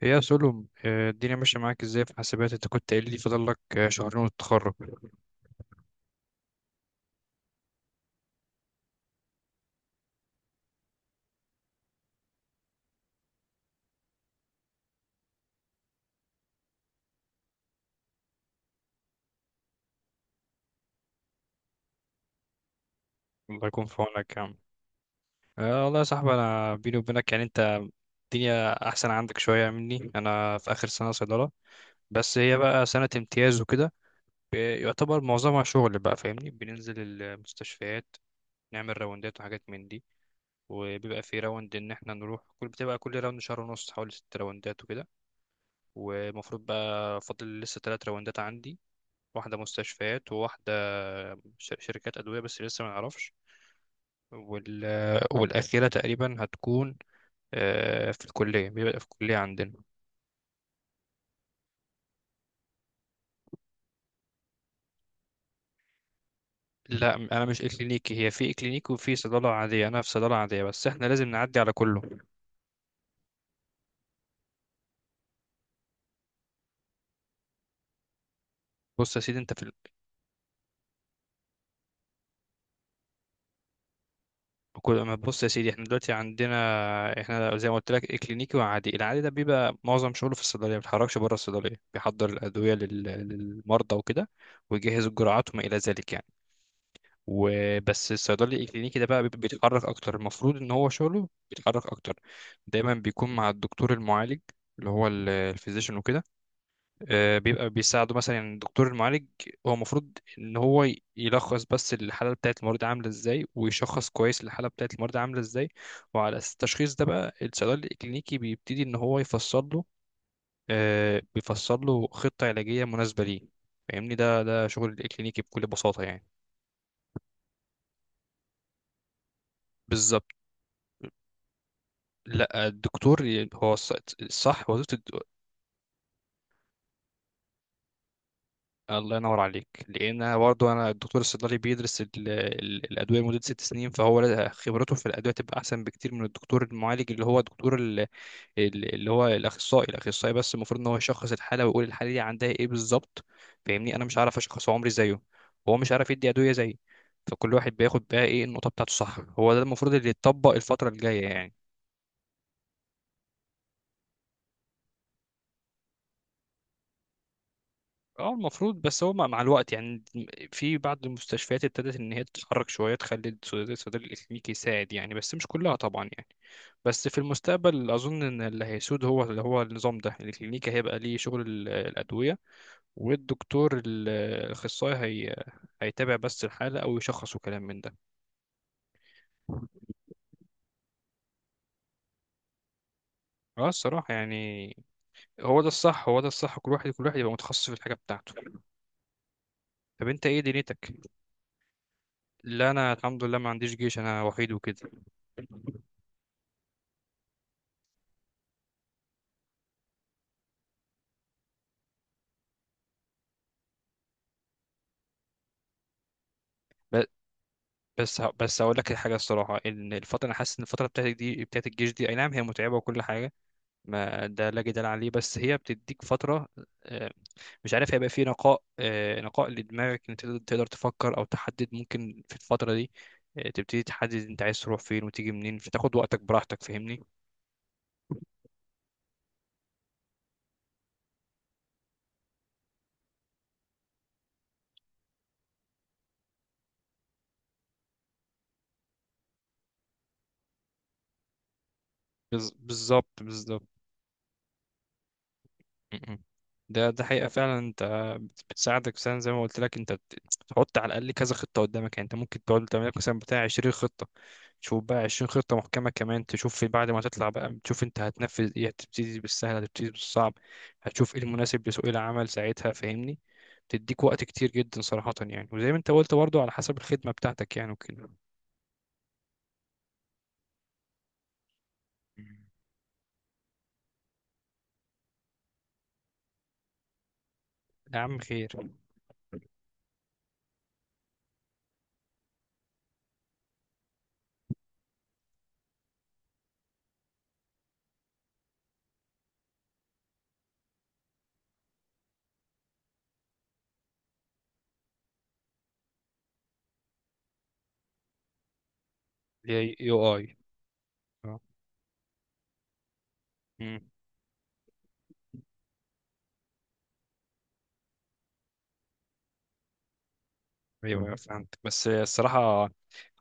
هي يا سولو الدنيا ماشية معاك ازاي في حاسبات؟ انت كنت قايل لي فاضل لك شهرين وتتخرج. الله يكون في عونك يا عم. آه والله يا صاحبي، انا بيني وبينك يعني انت الدنيا احسن عندك شوية مني. انا في اخر سنة صيدلة، بس هي بقى سنة امتياز وكده. يعتبر معظمها شغل بقى، فاهمني، بننزل المستشفيات، نعمل راوندات وحاجات من دي. وبيبقى في راوند ان احنا نروح كل راوند شهر ونص، حوالي 6 راوندات وكده. والمفروض بقى فاضل لسه 3 راوندات عندي، واحدة مستشفيات وواحدة شركات أدوية، بس لسه ما نعرفش. وال... والأخيرة تقريبا هتكون في الكلية، بيبقى في الكلية عندنا. لا، أنا مش إكلينيكي. هي في إكلينيكي وفي صيدلة عادية، أنا في صيدلة عادية، بس إحنا لازم نعدي على كله. بص يا سيدي، أنت في ما بص يا سيدي، إحنا دلوقتي عندنا. إحنا زي ما قلت لك، إكلينيكي وعادي. العادي ده بيبقى معظم شغله في الصيدلية، ما بيتحركش بره الصيدلية، بيحضر الأدوية للمرضى وكده، ويجهز الجرعات وما إلى ذلك يعني. وبس الصيدلي الكلينيكي ده بقى، بيبقى بيتحرك اكتر، المفروض ان هو شغله بيتحرك اكتر. دايما بيكون مع الدكتور المعالج، اللي هو الفيزيشن وكده. بيبقى بيساعده مثلا، يعني الدكتور المعالج هو المفروض ان هو يلخص بس الحاله بتاعت المريض عامله ازاي، ويشخص كويس الحاله بتاعت المريض عامله ازاي. وعلى اساس التشخيص ده بقى، الصيدلي الكلينيكي بيبتدي ان هو يفصل له، بيفصل له خطه علاجيه مناسبه ليه. فاهمني، ده شغل الكلينيكي بكل بساطه يعني. بالظبط. لا، الدكتور هو الصح وظيفة الله ينور عليك. لأن أنا برضه، أنا الدكتور الصيدلي بيدرس الأدوية لمدة 6 سنين. فهو خبرته في الأدوية تبقى أحسن بكتير من الدكتور المعالج، اللي هو دكتور اللي هو الأخصائي، بس المفروض إن هو يشخص الحالة ويقول الحالة دي عندها إيه بالظبط. فاهمني، أنا مش عارف أشخص عمري زيه، وهو مش عارف يدي أدوية زيي. فكل واحد بياخد بقى إيه النقطة بتاعته، صح، هو ده المفروض اللي يتطبق الفترة الجاية يعني. اه، المفروض بس هو مع الوقت يعني، في بعض المستشفيات ابتدت ان هي تتحرك شويه، تخلي الصيدلي الاكلينيكي يساعد يعني، بس مش كلها طبعا يعني. بس في المستقبل اظن ان اللي هيسود، هو اللي هو النظام ده الاكلينيكي، هيبقى ليه شغل الادويه. والدكتور الاخصائي، هي، هيتابع بس الحاله او يشخص وكلام من ده. اه، الصراحه يعني، هو ده الصح، هو ده الصح. كل واحد، كل واحد يبقى متخصص في الحاجه بتاعته. طب انت ايه دنيتك؟ لا، انا الحمد لله ما عنديش جيش، انا وحيد وكده. بس هقول لك حاجه، الصراحه ان انا حاسس ان الفتره بتاعتك دي بتاعت الجيش دي، اي نعم هي متعبه وكل حاجه، ما ده لا جدال عليه، بس هي بتديك فتره، آه، مش عارف هيبقى في نقاء، نقاء لدماغك، ان تقدر تفكر او تحدد ممكن في الفتره دي، تبتدي تحدد انت عايز تروح فين وتيجي منين، فتاخد وقتك براحتك، فاهمني. بالظبط، بالظبط. م-م. ده حقيقة فعلا، انت بتساعدك مثلا، زي ما قلت لك، انت بتحط على الأقل كذا خطة قدامك يعني، انت ممكن تقعد تعمل لك مثلا بتاع 20 خطة، تشوف بقى 20 خطة محكمة كمان، تشوف في بعد ما تطلع بقى، تشوف انت هتنفذ ايه، هتبتدي بالسهل هتبتدي بالصعب، هتشوف ايه المناسب لسوق العمل ساعتها، فاهمني. تديك وقت كتير جدا صراحة يعني، وزي ما انت قلت برضه على حسب الخدمة بتاعتك يعني وكده. مم. يا عم خير. هي، UI. اه. مم. ايوه، ايوه، فهمت. بس الصراحة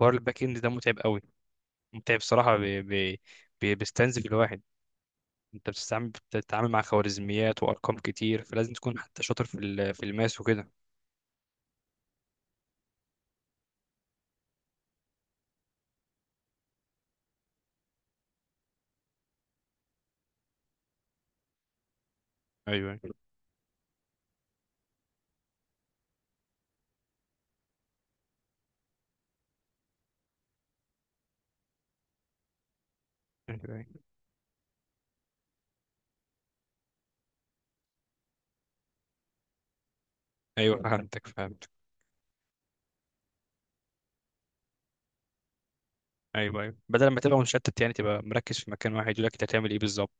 حوار الباك اند ده متعب قوي، انت بصراحة بيستنزف الواحد. انت بتتعامل مع خوارزميات وارقام كتير، فلازم تكون حتى شاطر في في الماس وكده. ايوه، ايوه. ايوه، ايوه، فهمتك، فهمتك. ايوه، ايوه، بدل ما تبقى مشتت يعني، تبقى مركز في مكان واحد يقول لك انت هتعمل ايه بالظبط.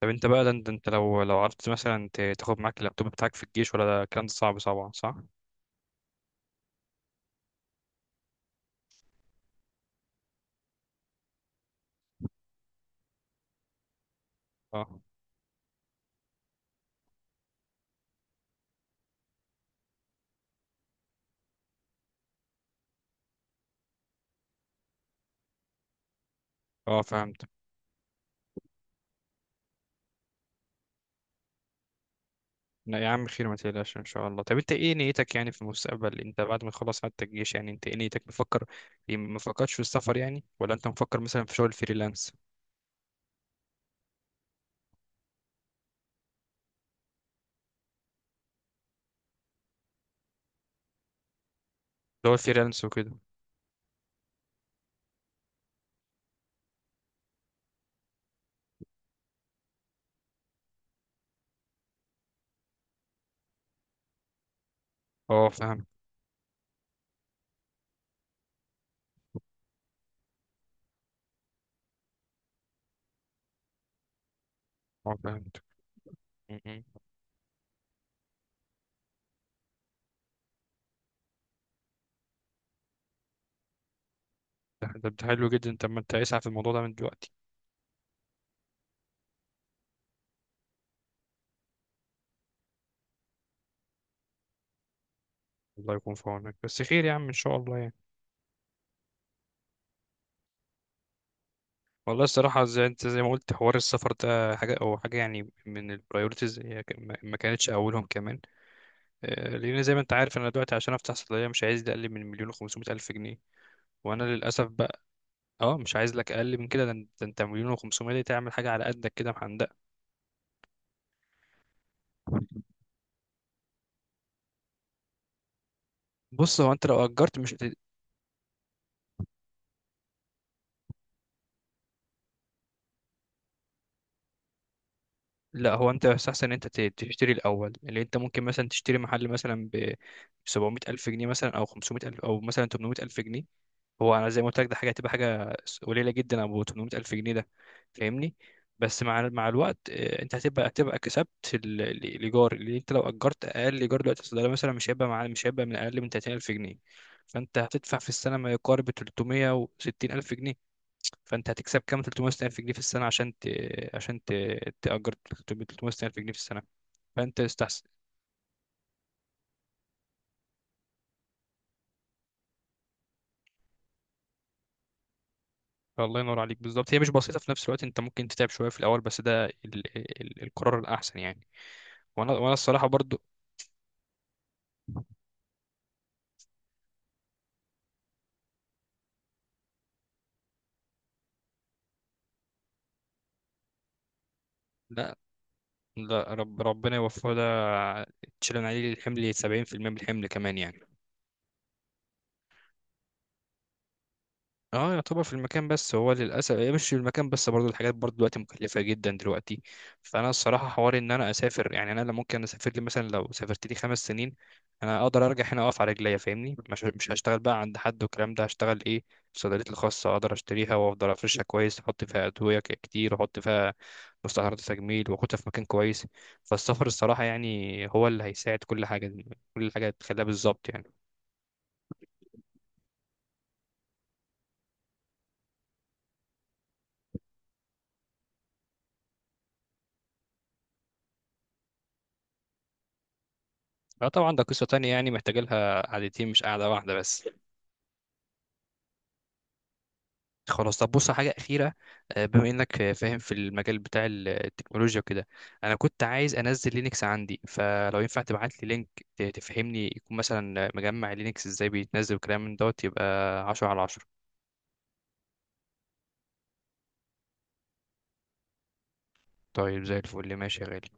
طب انت بقى، ده انت لو عرفت مثلا تاخد معاك اللابتوب بتاعك في الجيش، ولا ده الكلام ده صعب، صعب، صح؟ اه. اه، فهمت. لا يا عم خير، ما تقلقش ان شاء الله. طب انت ايه نيتك يعني في المستقبل؟ انت بعد ما تخلص حتى الجيش يعني، انت ايه نيتك مفكر؟ إيه، ما فكرتش في السفر يعني؟ ولا انت مفكر مثلا في شغل فريلانس؟ اللي هو الفريلانس وكده. اه، فاهم. اه، فهمت. م- م. ده حلو جدا. طب ما انت اسعى في الموضوع ده من دلوقتي. الله يكون في عونك، بس خير يا عم ان شاء الله يعني. والله الصراحه، زي ما قلت، حوار السفر ده حاجه او حاجه يعني من البرايورتيز، ما كانتش اولهم كمان. لان زي ما انت عارف انا دلوقتي، عشان افتح صيدليه مش عايز ده اقل من مليون و الف جنيه، وانا للاسف بقى. اه، مش عايز لك اقل من كده. ده انت مليون و500 دي تعمل حاجه على قدك كده محندقه. بص، هو انت لو اجرت مش. لا، هو انت يستحسن ان انت تشتري الاول، اللي انت ممكن مثلا تشتري محل مثلا ب 700 الف جنيه مثلا، او 500 الف، او مثلا 800 الف جنيه. هو انا زي ما قلت لك، ده حاجه هتبقى حاجه قليله جدا ابو 800 الف جنيه ده، فاهمني. بس مع الوقت، انت هتبقى كسبت الايجار، اللي انت لو اجرت. اقل ايجار دلوقتي في الصيدليه مثلا مش هيبقى من اقل من 30,000 جنيه، فانت هتدفع في السنه ما يقارب 360,000 جنيه. فانت هتكسب كام 360,000 جنيه في السنه، عشان عشان تأجر 360,000 جنيه في السنه. فانت يستحسن. الله ينور عليك بالظبط. هي مش بسيطه، في نفس الوقت انت ممكن تتعب شويه في الاول، بس ده القرار الاحسن يعني. وانا الصراحه برضو. لا. لا، ربنا يوفقه ده، تشيلن عليه الحمل 70% من الحمل كمان يعني. اه، يعتبر في المكان بس، هو للاسف إيه، مش في المكان بس، برضو الحاجات برضو دلوقتي مكلفه جدا دلوقتي. فانا الصراحه حوار ان انا اسافر يعني، انا لا ممكن اسافر لي مثلا، لو سافرت لي 5 سنين انا اقدر ارجع هنا اقف على رجليا فاهمني، مش هشتغل بقى عند حد والكلام ده، هشتغل ايه؟ في صيدليتي الخاصه، اقدر اشتريها وافضل افرشها كويس، احط فيها ادويه كتير، واحط فيها مستحضرات تجميل، واخدها في مكان كويس. فالسفر الصراحه يعني هو اللي هيساعد كل حاجه، كل حاجه تخليها بالظبط يعني. اه طبعا، ده قصه تانية يعني، محتاجه لها قعدتين مش قاعده واحده بس. خلاص، طب بص على حاجة أخيرة، بما إنك فاهم في المجال بتاع التكنولوجيا وكده، أنا كنت عايز أنزل لينكس عندي، فلو ينفع تبعت لي لينك تفهمني، يكون مثلا مجمع لينكس إزاي بيتنزل، وكلام من دوت، يبقى 10/10. طيب زي الفل، ماشي يا غالي.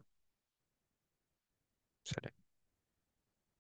سلام.